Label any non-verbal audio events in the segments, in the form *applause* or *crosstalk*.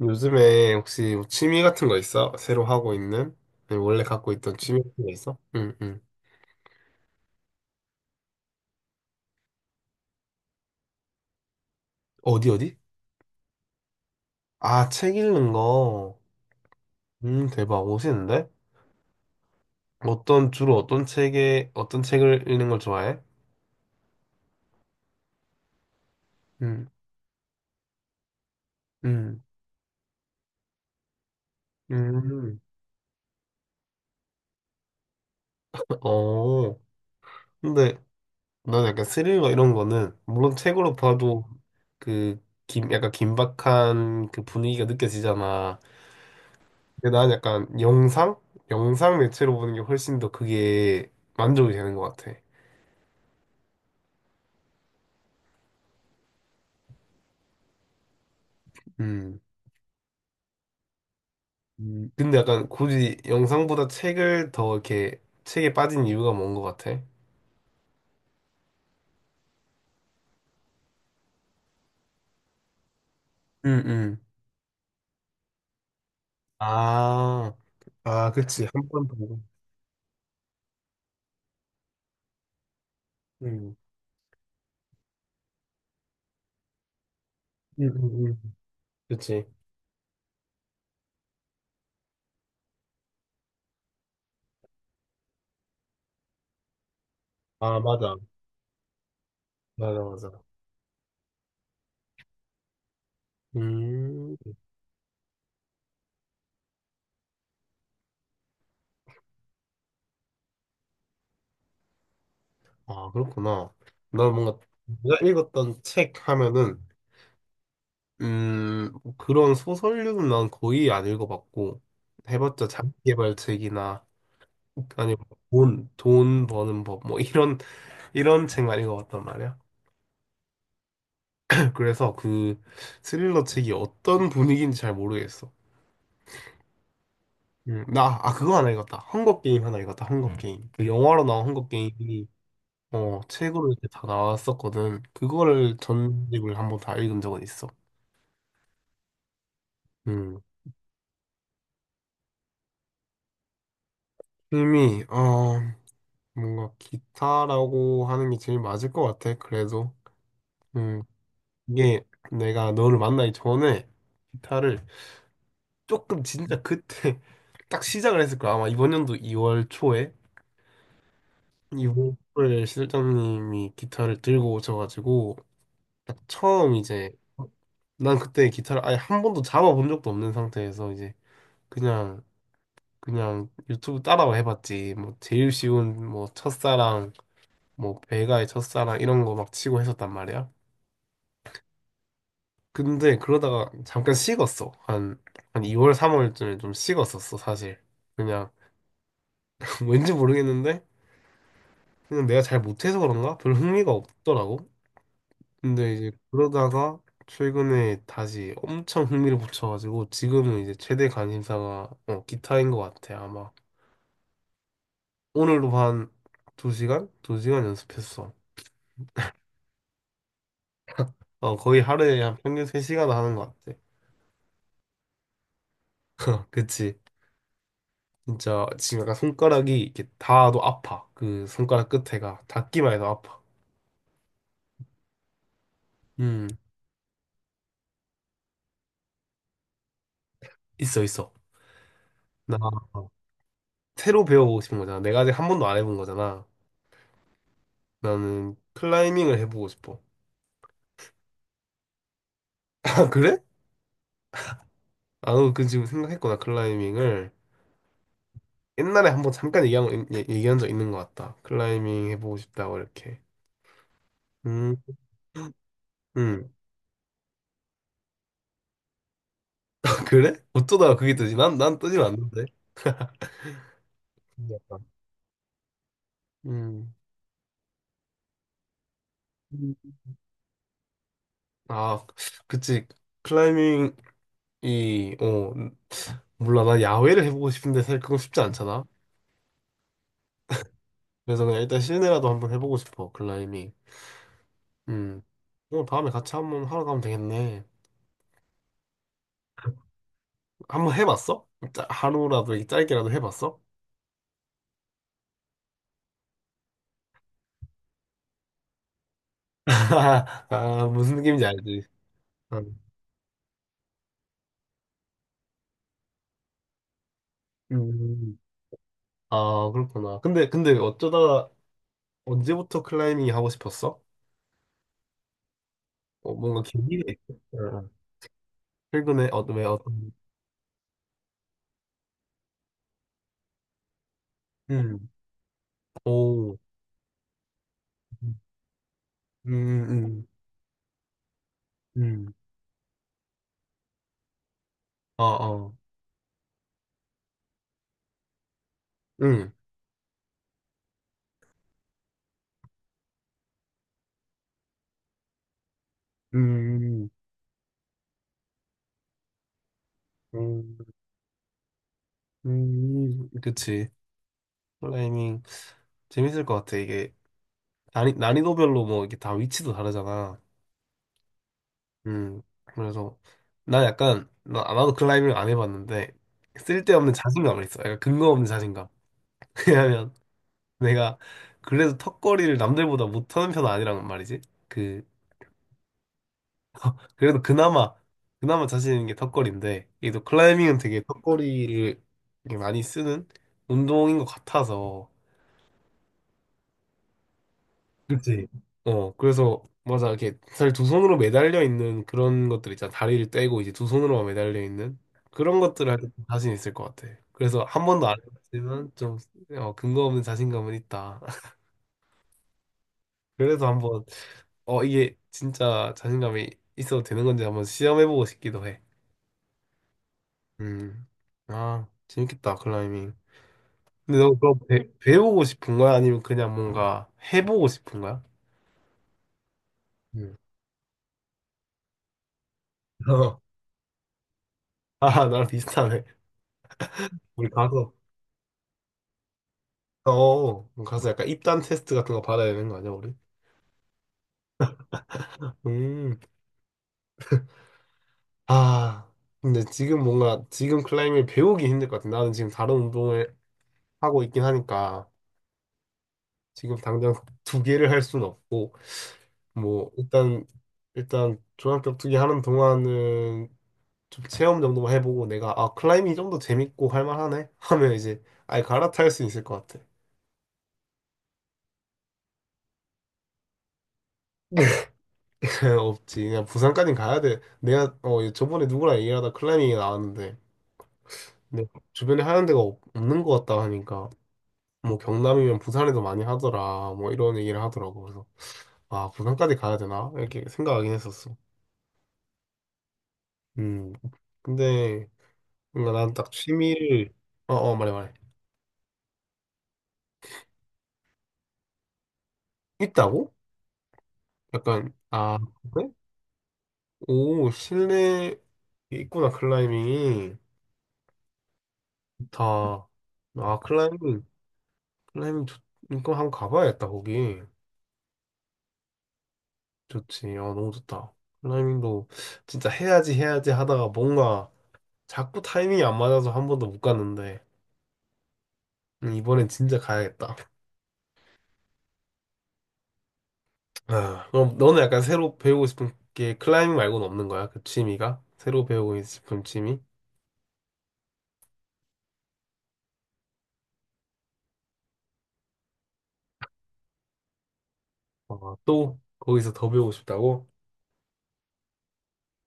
요즘에 혹시 뭐 취미 같은 거 있어? 새로 하고 있는? 아니, 원래 갖고 있던 취미 같은 거 있어? 응, 응. 어디, 어디? 아, 책 읽는 거. 대박. 멋있는데? 주로 어떤 책을 읽는 걸 좋아해? 음, 음, 음. 어. 근데 난 약간 스릴러 이런 거는, 물론 책으로 봐도 그, 약간 긴박한 그 분위기가 느껴지잖아. 근데 난 약간 영상? 영상 매체로 보는 게 훨씬 더 그게 만족이 되는 것 같아. 음. 근데 약간 굳이 영상보다 책을 더 이렇게 책에 빠진 이유가 뭔 것 같아? 응응. 아, 아, 그치. 한 번 보고. 응응응. 그치. 아, 맞아. 맞아, 맞아. 음, 아, 그렇구나. 나 뭔가 내가 읽었던 책 하면은 음, 그런 소설류는 난 거의 안 읽어봤고, 해봤자 자기계발책이나, 아니면 뭐 돈 버는 법, 뭐 이런 책만 읽어봤단 말이야. *laughs* 그래서 스릴러 책이 어떤 분위기인지 잘 모르겠어. 아, 그거 하나 읽었다. 헝거 게임 하나 읽었다. 헝거 게임. 그 영화로 나온 헝거 게임이, 책으로 이렇게 다 나왔었거든. 그거를 전집을 한번 다 읽은 적은 있어. 음, 이미, 어, 뭔가 기타라고 하는 게 제일 맞을 것 같아. 그래도 음 이게 내가 너를 만나기 전에 기타를 조금 진짜 그때 *laughs* 딱 시작을 했을 거야. 아마 이번 연도 2월 초에 2월 초에 실장님이 기타를 들고 오셔가지고 딱 처음 이제 난 그때 기타를 아예 한 번도 잡아본 적도 없는 상태에서 이제 그냥 그냥 유튜브 따라와 해봤지. 뭐 제일 쉬운 뭐 첫사랑, 뭐 배가의 첫사랑 이런 거 막 치고 했었단 말이야. 근데 그러다가 잠깐 식었어. 한 2월, 3월쯤에 좀 식었었어, 사실. 그냥, *laughs* 왠지 모르겠는데, 그냥 내가 잘 못해서 그런가? 별 흥미가 없더라고. 근데 이제 그러다가 최근에 다시 엄청 흥미를 붙여가지고, 지금은 이제 최대 관심사가, 기타인 것 같아, 아마. 오늘도 한 2시간? 2시간 연습했어. 어, 거의 하루에 한 평균 3시간 하는 것 같아. *laughs* 그치? 진짜 지금 약간 손가락이 이렇게 닿아도 아파. 그 손가락 끝에가 닿기만 해도 아파. 음, 있어, 있어. 나 새로 배워보고 싶은 거잖아. 내가 아직 한 번도 안 해본 거잖아. 나는 클라이밍을 해보고 싶어. *laughs* 아, 그래? 아, 그 지금 생각했구나, 클라이밍을. 옛날에 한번 잠깐 얘기한 적 있는 것 같다. 클라이밍 해보고 싶다고, 이렇게. 음, 음. *laughs* 그래? 어쩌다가 그게 뜨지? 난 뜨지 않는데. 신기하다. 음. 음. 아, 그치. 클라이밍. 이, 어, 몰라. 나 야외를 해보고 싶은데 사실 그건 쉽지 않잖아. 그래서 그냥 일단 실내라도 한번 해보고 싶어. 클라이밍. 음. 그럼 다음에 같이 한번 하러 가면 되겠네. 한번 해봤어? 하루라도 이렇게 짧게라도 해봤어? *laughs* 아, 무슨 느낌인지 알지? 응. 음. 아, 그렇구나. 근데 어쩌다 언제부터 클라이밍이 하고 싶었어? 어, 뭔가 계기가 있어? 응. 최근에, 왜, 어떤, 음. 오. 음, 음, 음. 아, 아. 응. 음, 음, 그치. 클라이밍. 재밌을 것 같아. 이게 난이도별로 뭐 이게 다 위치도 다르잖아. 그래서 난 약간, 나도 클라이밍을 안 해봤는데 쓸데없는 자신감을 있어. 약간 근거 없는 자신감. *laughs* 왜냐면 내가 그래도 턱걸이를 남들보다 못하는 편은 아니란 말이지. 그, *laughs* 그래도 그나마 자신 있는 게 턱걸이인데, 이게 또 클라이밍은 되게 턱걸이를 게 많이 쓰는 운동인 것 같아서. 그치? 어, 그래서, 맞아. 이렇게 사실 두 손으로 매달려 있는 그런 것들 있잖아. 다리를 떼고 이제 두 손으로만 매달려 있는 그런 것들을 할때 자신 있을 것 같아. 그래서 한 번도 안 해봤지만 좀, 근거 없는 자신감은 있다. *laughs* 그래서 한번, 이게 진짜 자신감이 있어도 되는 건지 한번 시험해보고 싶기도 해. 음. 아, 재밌겠다. 클라이밍. 근데 너 그거 배우고 싶은 거야? 아니면 그냥 뭔가 해보고 싶은 거야? 음. *laughs* 어, 아, 나랑 비슷하네. 우리 가서 가서 약간 입단 테스트 같은 거 받아야 되는 거 아니야, 우리? 음, 아, 근데 지금 뭔가, 지금 클라이밍 배우기 힘들 것 같아. 나는 지금 다른 운동을 하고 있긴 하니까, 지금 당장 두 개를 할 수는 없고, 뭐, 종합격 투기 하는 동안은 좀 체험 정도만 해보고, 내가, 아, 클라이밍이 좀 더 재밌고 할만하네? *laughs* 하면 이제, 아예 갈아탈 수 있을 것 같아. *laughs* 없지. 그냥 부산까지 가야 돼. 내가, 저번에 누구랑 얘기하다 클라이밍이 나왔는데, 네, 주변에 하는 데가 는것 같다 하니까 뭐 경남이면 부산에도 많이 하더라, 뭐 이런 얘기를 하더라고. 그래서 아, 부산까지 가야 되나 이렇게 생각하긴 했었어. 음 근데 뭔가 난 딱 취미를. 말해, 말해. 있다고? 약간, 아, 그래. 오, 실내 있구나, 클라이밍이. 좋다. 아, 클라이밍 클라이밍 좋 이거 한번 가봐야겠다, 거기. 좋지. 어, 너무 좋다. 클라이밍도 진짜 해야지 해야지 하다가 뭔가 자꾸 타이밍이 안 맞아서 한 번도 못 갔는데. 이번엔 진짜 가야겠다. 아, 그럼 너는 약간 새로 배우고 싶은 게 클라이밍 말고는 없는 거야? 그 취미가? 새로 배우고 싶은 취미? 어, 또 거기서 더 배우고 싶다고?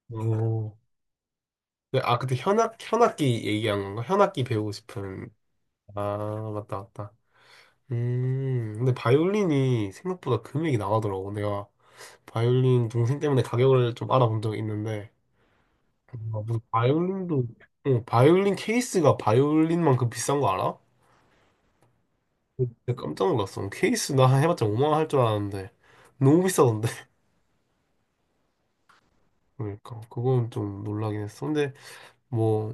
오. 네, 아, 그때 현악기 얘기한 건가? 현악기 배우고 싶은. 아, 맞다, 맞다. 근데 바이올린이 생각보다 금액이 나가더라고. 내가 바이올린 동생 때문에 가격을 좀 알아본 적이 있는데, 아, 무슨 바이올린도. 어, 바이올린 케이스가 바이올린만큼 비싼 거 알아? 진짜 깜짝 놀랐어. 케이스 나 해봤자 5만 원 할 줄 알았는데 너무 비싸던데. *laughs* 그러니까 그건 좀 놀라긴 했어. 근데 뭐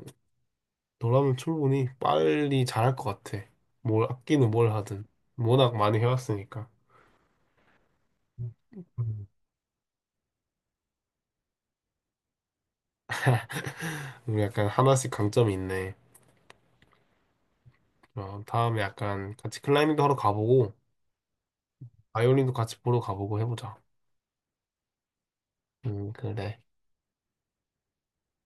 너라면 충분히 빨리 잘할 것 같아. 뭘 아끼는 뭘 하든 워낙 많이 해왔으니까. 음. *laughs* 우리 약간 하나씩 강점이 있네. 어, 다음에 약간 같이 클라이밍도 하러 가보고 바이올린도 같이 보러 가보고 해보자. 그래.